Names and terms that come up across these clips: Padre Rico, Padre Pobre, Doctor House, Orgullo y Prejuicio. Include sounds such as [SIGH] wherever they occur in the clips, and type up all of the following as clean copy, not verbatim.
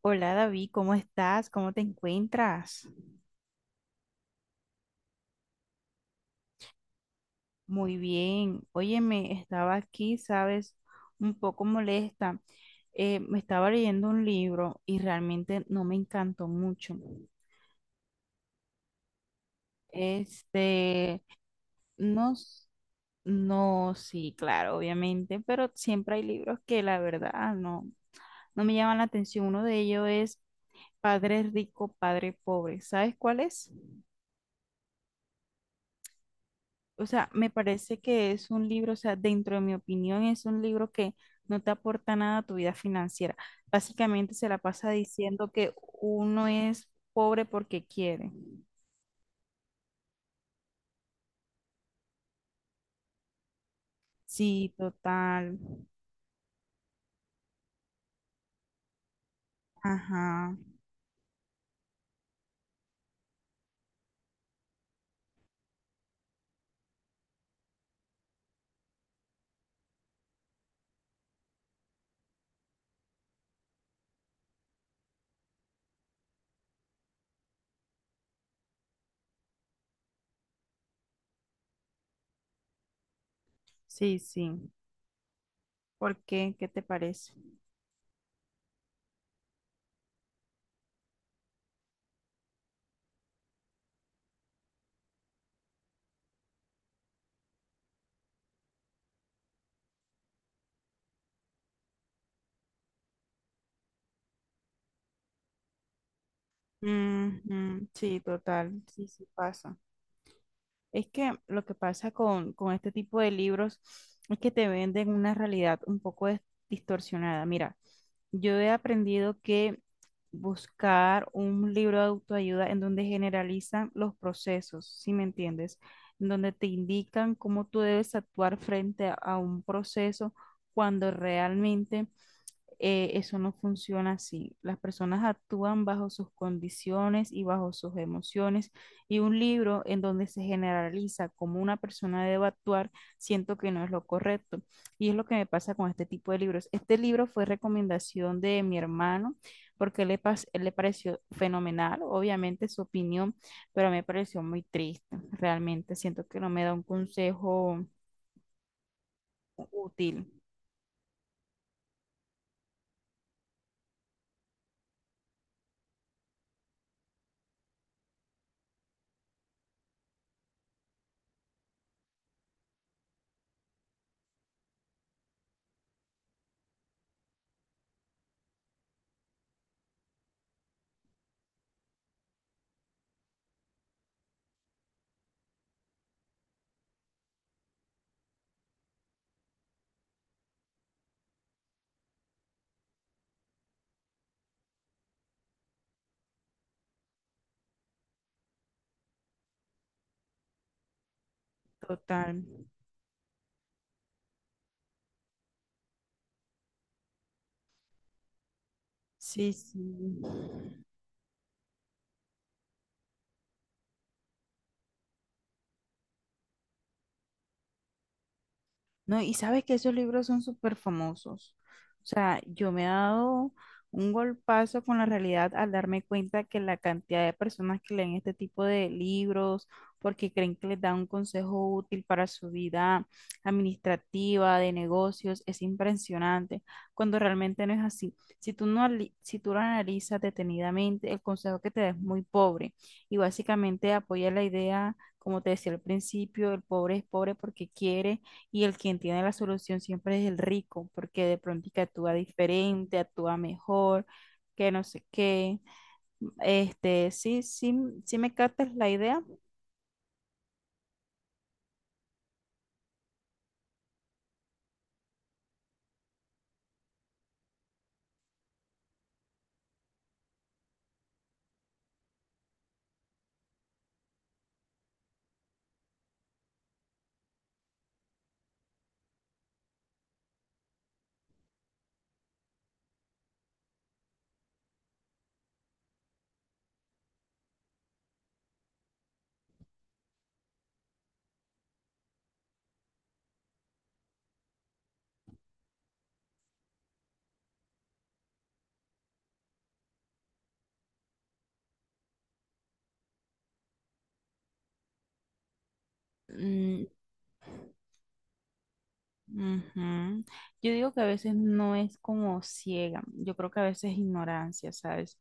Hola David, ¿cómo estás? ¿Cómo te encuentras? Muy bien. Óyeme, estaba aquí, sabes, un poco molesta. Me estaba leyendo un libro y realmente no me encantó mucho. Este, no, s- no, sí, claro, obviamente, pero siempre hay libros que la verdad ah, no me llaman la atención. Uno de ellos es Padre Rico, Padre Pobre. ¿Sabes cuál es? O sea, me parece que es un libro, o sea, dentro de mi opinión, es un libro que no te aporta nada a tu vida financiera. Básicamente se la pasa diciendo que uno es pobre porque quiere. Sí, total. Ajá. Sí, sí. ¿Por qué? ¿Qué te parece? Ujú, sí, total. Sí, sí pasa. Es que lo que pasa con este tipo de libros es que te venden una realidad un poco distorsionada. Mira, yo he aprendido que buscar un libro de autoayuda en donde generalizan los procesos, ¿si me entiendes? En donde te indican cómo tú debes actuar frente a un proceso cuando realmente eso no funciona así. Las personas actúan bajo sus condiciones y bajo sus emociones y un libro en donde se generaliza cómo una persona debe actuar, siento que no es lo correcto. Y es lo que me pasa con este tipo de libros. Este libro fue recomendación de mi hermano porque le pareció fenomenal, obviamente su opinión, pero me pareció muy triste. Realmente siento que no me da un consejo útil. Total. Sí, sí. No, y sabes que esos libros son súper famosos. O sea, yo me he dado un golpazo con la realidad al darme cuenta que la cantidad de personas que leen este tipo de libros porque creen que les da un consejo útil para su vida administrativa, de negocios, es impresionante, cuando realmente no es así. Si tú no, ali- si tú lo analizas detenidamente, el consejo que te da es muy pobre y básicamente apoya la idea, como te decía al principio, el pobre es pobre porque quiere y el quien tiene la solución siempre es el rico, porque de pronto que actúa diferente, actúa mejor, que no sé qué. Este, sí, sí, sí me captas la idea. Mm, ujú. Yo digo que a veces no es como ciega, yo creo que a veces es ignorancia, ¿sabes?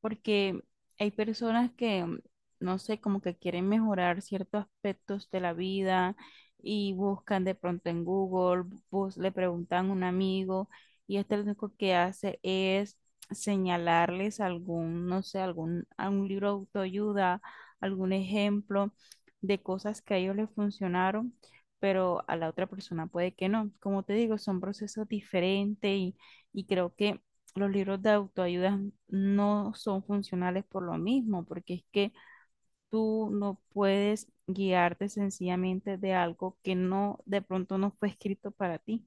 Porque hay personas que, no sé, como que quieren mejorar ciertos aspectos de la vida y buscan de pronto en Google, le preguntan a un amigo y este lo único que hace es señalarles no sé, algún libro de autoayuda, algún ejemplo de cosas que a ellos les funcionaron pero a la otra persona puede que no. Como te digo, son procesos diferentes y creo que los libros de autoayuda no son funcionales por lo mismo, porque es que tú no puedes guiarte sencillamente de algo que no, de pronto no fue escrito para ti.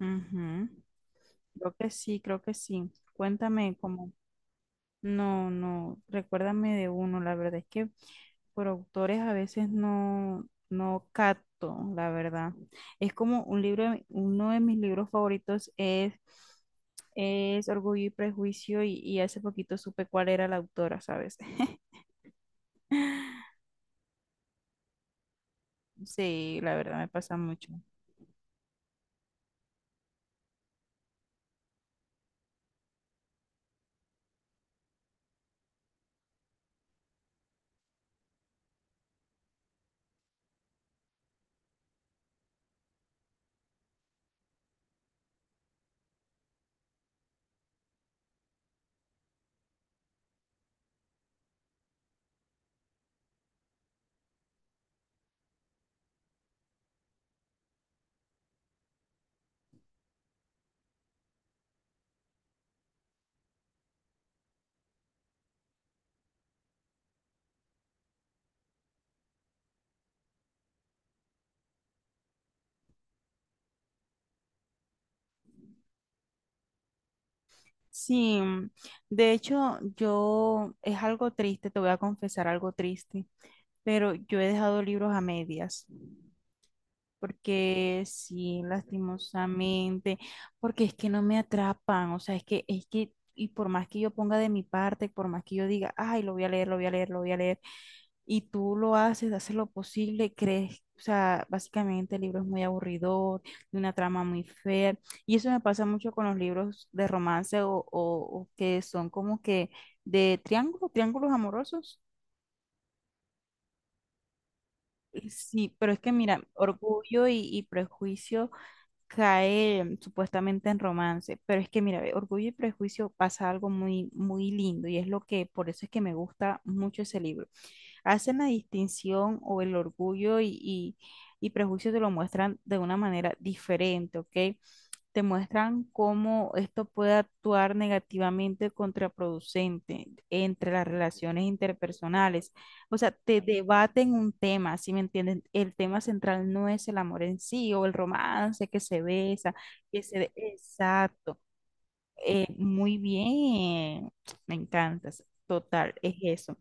Ujú. Creo que sí, creo que sí. Cuéntame cómo. No, no, recuérdame de uno, la verdad es que por autores a veces no, no capto, la verdad. Es como un libro, uno de mis libros favoritos es Orgullo y Prejuicio y hace poquito supe cuál era la autora, ¿sabes? [LAUGHS] Sí, la verdad me pasa mucho. Sí, de hecho yo es algo triste, te voy a confesar algo triste, pero yo he dejado libros a medias. Porque sí, lastimosamente, porque es que no me atrapan, o sea, es que, y por más que yo ponga de mi parte, por más que yo diga, ay, lo voy a leer, lo voy a leer, lo voy a leer, y tú lo haces, haces lo posible, crees, o sea, básicamente el libro es muy aburridor, de una trama muy fea, y eso me pasa mucho con los libros de romance o que son como que de triángulos, triángulos amorosos. Sí, pero es que mira, Orgullo y Prejuicio cae supuestamente en romance, pero es que mira, ve, Orgullo y Prejuicio pasa algo muy, muy lindo y es lo que, por eso es que me gusta mucho ese libro. Hacen la distinción o el orgullo y prejuicio te lo muestran de una manera diferente, ¿ok? Te muestran cómo esto puede actuar negativamente contraproducente entre las relaciones interpersonales. O sea, te debaten un tema, ¿sí me entienden? El tema central no es el amor en sí o el romance que se besa, Exacto. Muy bien, me encantas. Total, es eso.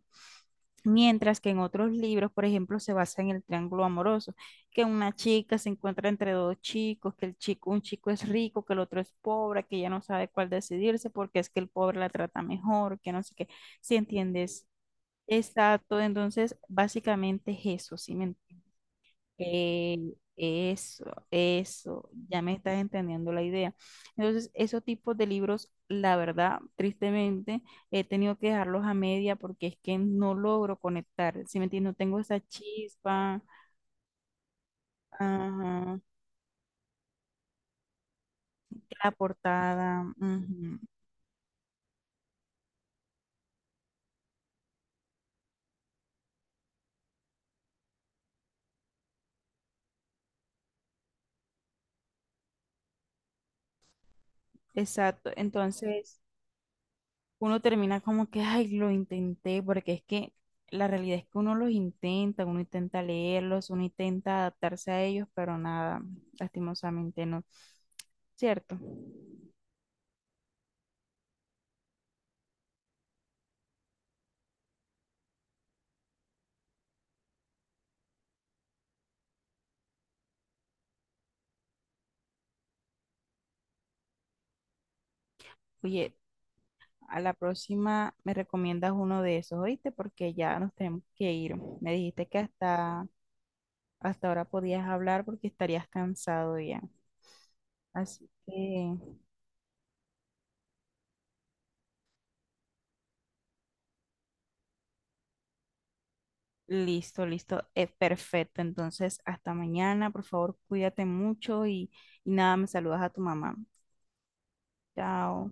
Mientras que en otros libros, por ejemplo, se basa en el triángulo amoroso, que una chica se encuentra entre dos chicos, que el chico, un chico es rico, que el otro es pobre, que ella no sabe cuál decidirse porque es que el pobre la trata mejor, que no sé qué. ¿Sí entiendes? Exacto, entonces básicamente es eso, ¿sí me entiendes? Eh, Eso, eso, ya me estás entendiendo la idea. Entonces, esos tipos de libros, la verdad, tristemente, he tenido que dejarlos a media porque es que no logro conectar, ¿si me entiendes? No tengo esa chispa, ajá, la portada, ujú, exacto. Entonces, uno termina como que, ay, lo intenté, porque es que la realidad es que uno los intenta, uno intenta leerlos, uno intenta adaptarse a ellos, pero nada, lastimosamente no. ¿Cierto? Oye, a la próxima me recomiendas uno de esos, ¿oíste? Porque ya nos tenemos que ir. Me dijiste que hasta, hasta ahora podías hablar porque estarías cansado ya. Así que listo, listo, es perfecto. Entonces, hasta mañana, por favor, cuídate mucho y nada, me saludas a tu mamá. Chao.